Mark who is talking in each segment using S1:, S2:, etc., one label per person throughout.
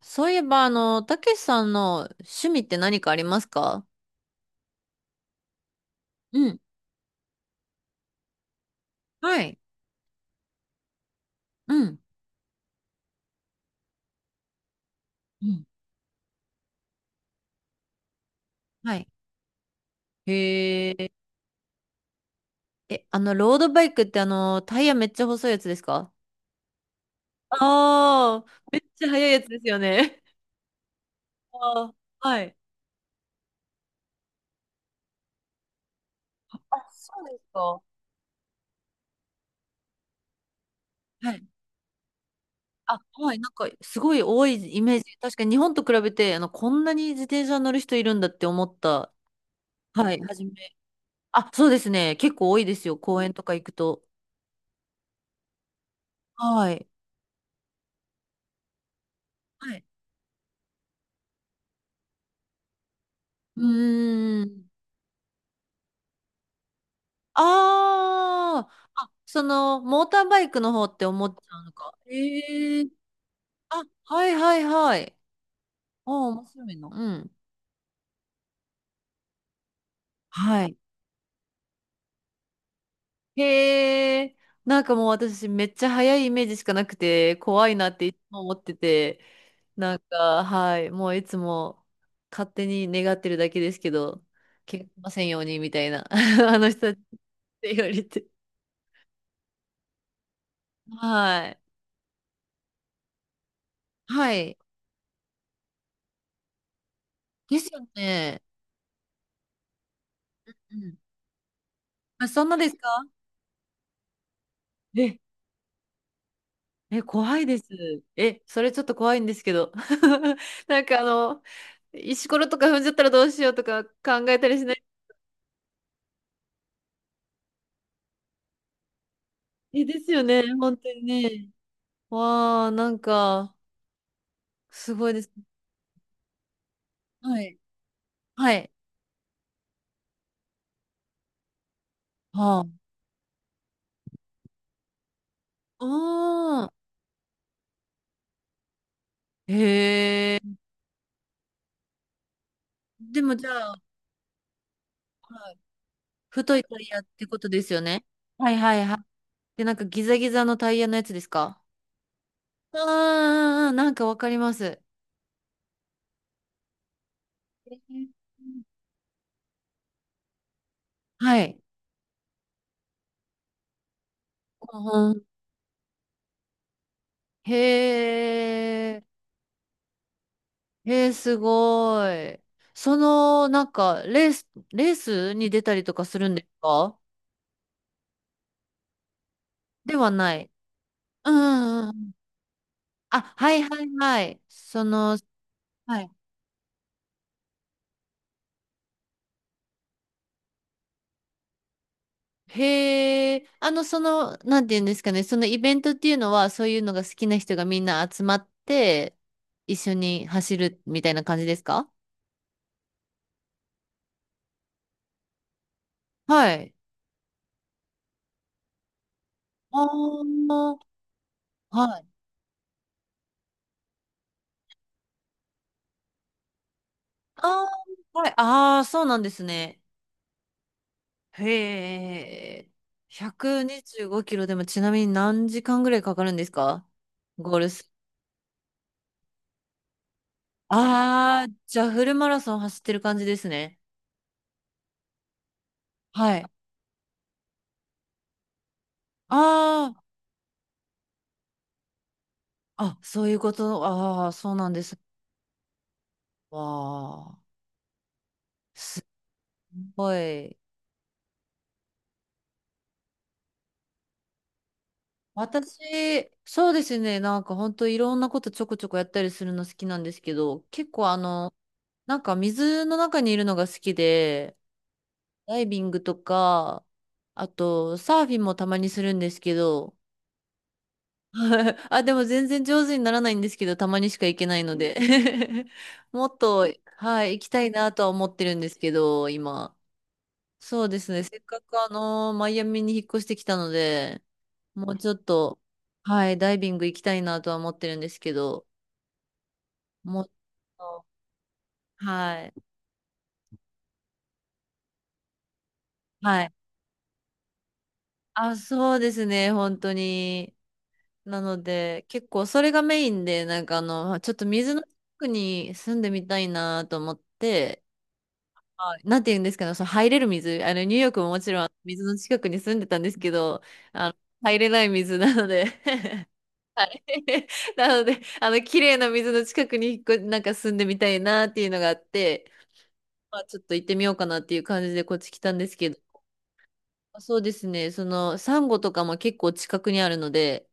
S1: そういえば、たけしさんの趣味って何かありますか？うん。はい。うん。うん。はい。へえ。え、ロードバイクってタイヤめっちゃ細いやつですか？ああー、めっちゃ速いやつですよね。あー。はい。あ、そうですか。はい。あ、はい。なんか、すごい多いイメージ。確かに日本と比べて、こんなに自転車乗る人いるんだって思った。はい。はじめ。あ、そうですね。結構多いですよ。公園とか行くと。はい。はい。うーん。ああ、あ、その、モーターバイクの方って思っちゃうのか。ええ。あ、はいはいはい。あ、面白いの。うん。はい。へえ、なんかもう私めっちゃ速いイメージしかなくて、怖いなっていつも思ってて、なんか、はい、もういつも勝手に願ってるだけですけど、怪我しませんようにみたいな、あの人たちって言われて。はい。はい。ですよね。あ、そんなですか？え、え、怖いです。え、それちょっと怖いんですけど。なんか石ころとか踏んじゃったらどうしようとか考えたりしない。え、ですよね、本当にね。わあ、なんか、すごいです。はい。はい。はあ。ああ。へえ。でもじゃあ、はい、太いタイヤってことですよね。はいはいはい。で、なんかギザギザのタイヤのやつですか？ああー、なんかわかります。えーはい。うん。へえ、へえ、すごい。なんか、レースに出たりとかするんですか？ではない。うんうんうん。あ、はいはいはい。はい。へえ、なんて言うんですかね、そのイベントっていうのは、そういうのが好きな人がみんな集まって、一緒に走るみたいな感じですか？はい。ああ、はい。ああ、はい。ああ、そうなんですね。へえ。125キロでもちなみに何時間ぐらいかかるんですか？ゴールス。ああ、じゃあフルマラソン走ってる感じですね。はい。ああ、あ、そういうこと。ああ、そうなんです。わあ、すごい。私、そうですね。なんか本当いろんなことちょこちょこやったりするの好きなんですけど、結構なんか水の中にいるのが好きで、ダイビングとか、あと、サーフィンもたまにするんですけど、あ、でも全然上手にならないんですけど、たまにしか行けないので もっと、はい、行きたいなとは思ってるんですけど、今。そうですね、せっかくマイアミに引っ越してきたので、もうちょっと、はい、ダイビング行きたいなとは思ってるんですけど、もう、はい、はい。あ、そうですね、本当に。なので、結構それがメインで、なんかちょっと水の近くに住んでみたいなと思って、はい。なんて言うんですかね、その入れる水、ニューヨークももちろん水の近くに住んでたんですけど、あの、入れない水なので なので、綺麗な水の近くに引っ越なんか住んでみたいなっていうのがあって、まあ、ちょっと行ってみようかなっていう感じでこっち来たんですけど、そうですね、サンゴとかも結構近くにあるので、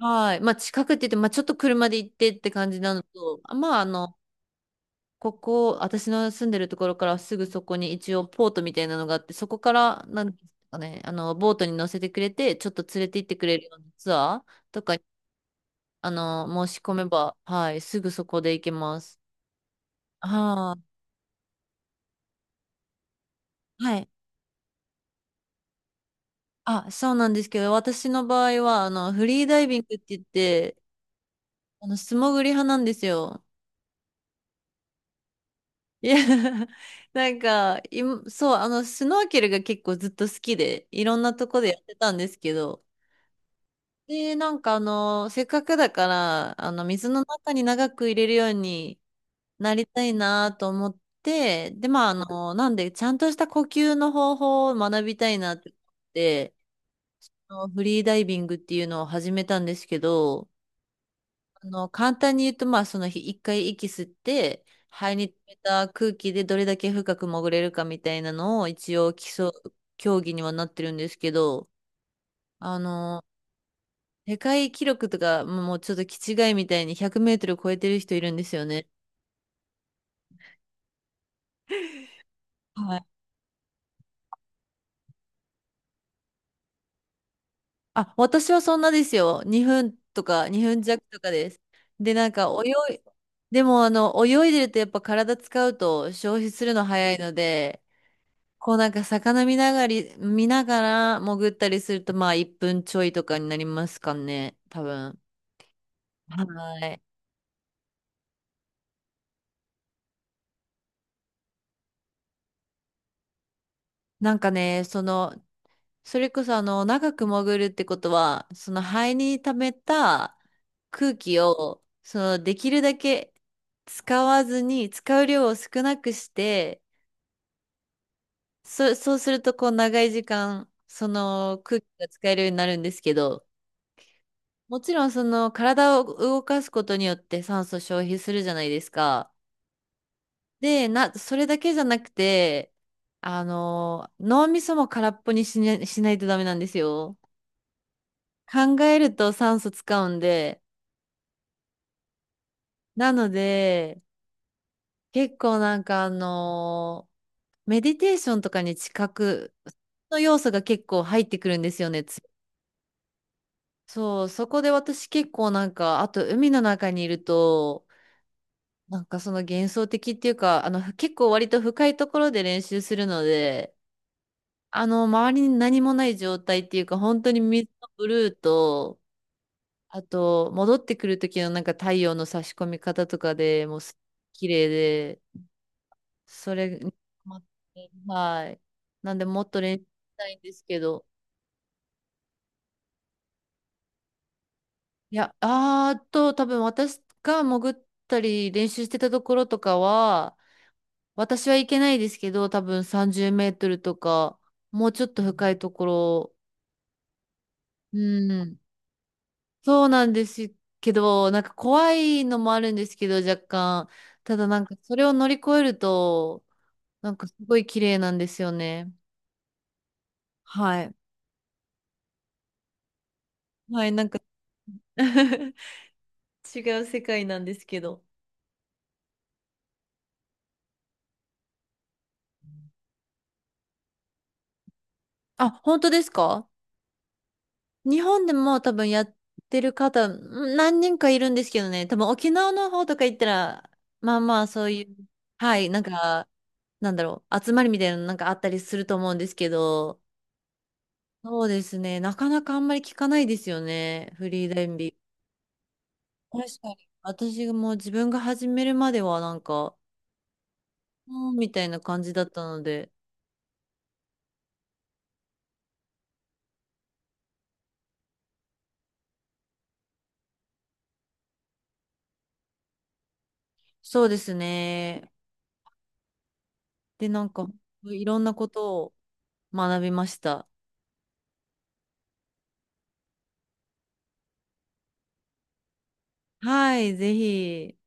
S1: はい。まあ、近くって言って、まあ、ちょっと車で行ってって感じなのと、あ、まあ、ここ、私の住んでるところからすぐそこに一応ポートみたいなのがあって、そこから、なんですかね、ボートに乗せてくれて、ちょっと連れて行ってくれるようなツアーとか、申し込めば、はい、すぐそこで行けます。はい。はい。あ、そうなんですけど、私の場合は、フリーダイビングって言って、素潜り派なんですよ。いや、なんか、そう、スノーケルが結構ずっと好きで、いろんなとこでやってたんですけど、で、なんかせっかくだから、水の中に長く入れるようになりたいなと思って、で、まあ、なんで、ちゃんとした呼吸の方法を学びたいなって思って、あのフリーダイビングっていうのを始めたんですけど、簡単に言うと、まあ、その日1回息吸って、肺に溜めた空気でどれだけ深く潜れるかみたいなのを一応基礎、競技にはなってるんですけど、あの、世界記録とか、もうちょっと気違いみたいに100メートル超えてる人いるんですよね。はい。あ、私はそんなですよ。2分とか、2分弱とかです。で、なんか泳い、でも泳いでるとやっぱ体使うと消費するの早いので、こうなんか魚見ながら潜ったりするとまあ1分ちょいとかになりますかね、多分。はい。なんかね、それこそ長く潜るってことは、その肺に溜めた空気を、できるだけ使わずに、使う量を少なくして、そうするとこう長い時間、その空気が使えるようになるんですけど、もちろんその体を動かすことによって酸素消費するじゃないですか。で、それだけじゃなくて、脳みそも空っぽにしないとダメなんですよ。考えると酸素使うんで。なので、結構なんかメディテーションとかに近くの要素が結構入ってくるんですよね。そう、そこで私結構なんか、あと海の中にいると、なんかその幻想的っていうか、結構割と深いところで練習するので、周りに何もない状態っていうか、本当に水のブルーと、あと、戻ってくる時のなんか太陽の差し込み方とかでもうす綺麗で、それにハマって、はい。なんでもっと練習したいんですけど、いや、あーっと、多分私が潜ったり練習してたところとかは、私は行けないですけど、多分30メートルとか、もうちょっと深いところ、うん、そうなんですけど、なんか怖いのもあるんですけど、若干。ただなんかそれを乗り越えると、なんかすごい綺麗なんですよね。はい。はい、なんか 違う世界なんですけど。あ、本当ですか？日本でも多分やってる方、何人かいるんですけどね、多分沖縄の方とか行ったら、まあまあそういう、はい、なんか、なんだろう、集まりみたいなのなんかあったりすると思うんですけど、そうですね、なかなかあんまり聞かないですよね、フリーレンビング。確かに。私がもう自分が始めるまではなんか、うんみたいな感じだったので、そうですね。で、なんか、いろんなことを学びました。はい、ぜひ。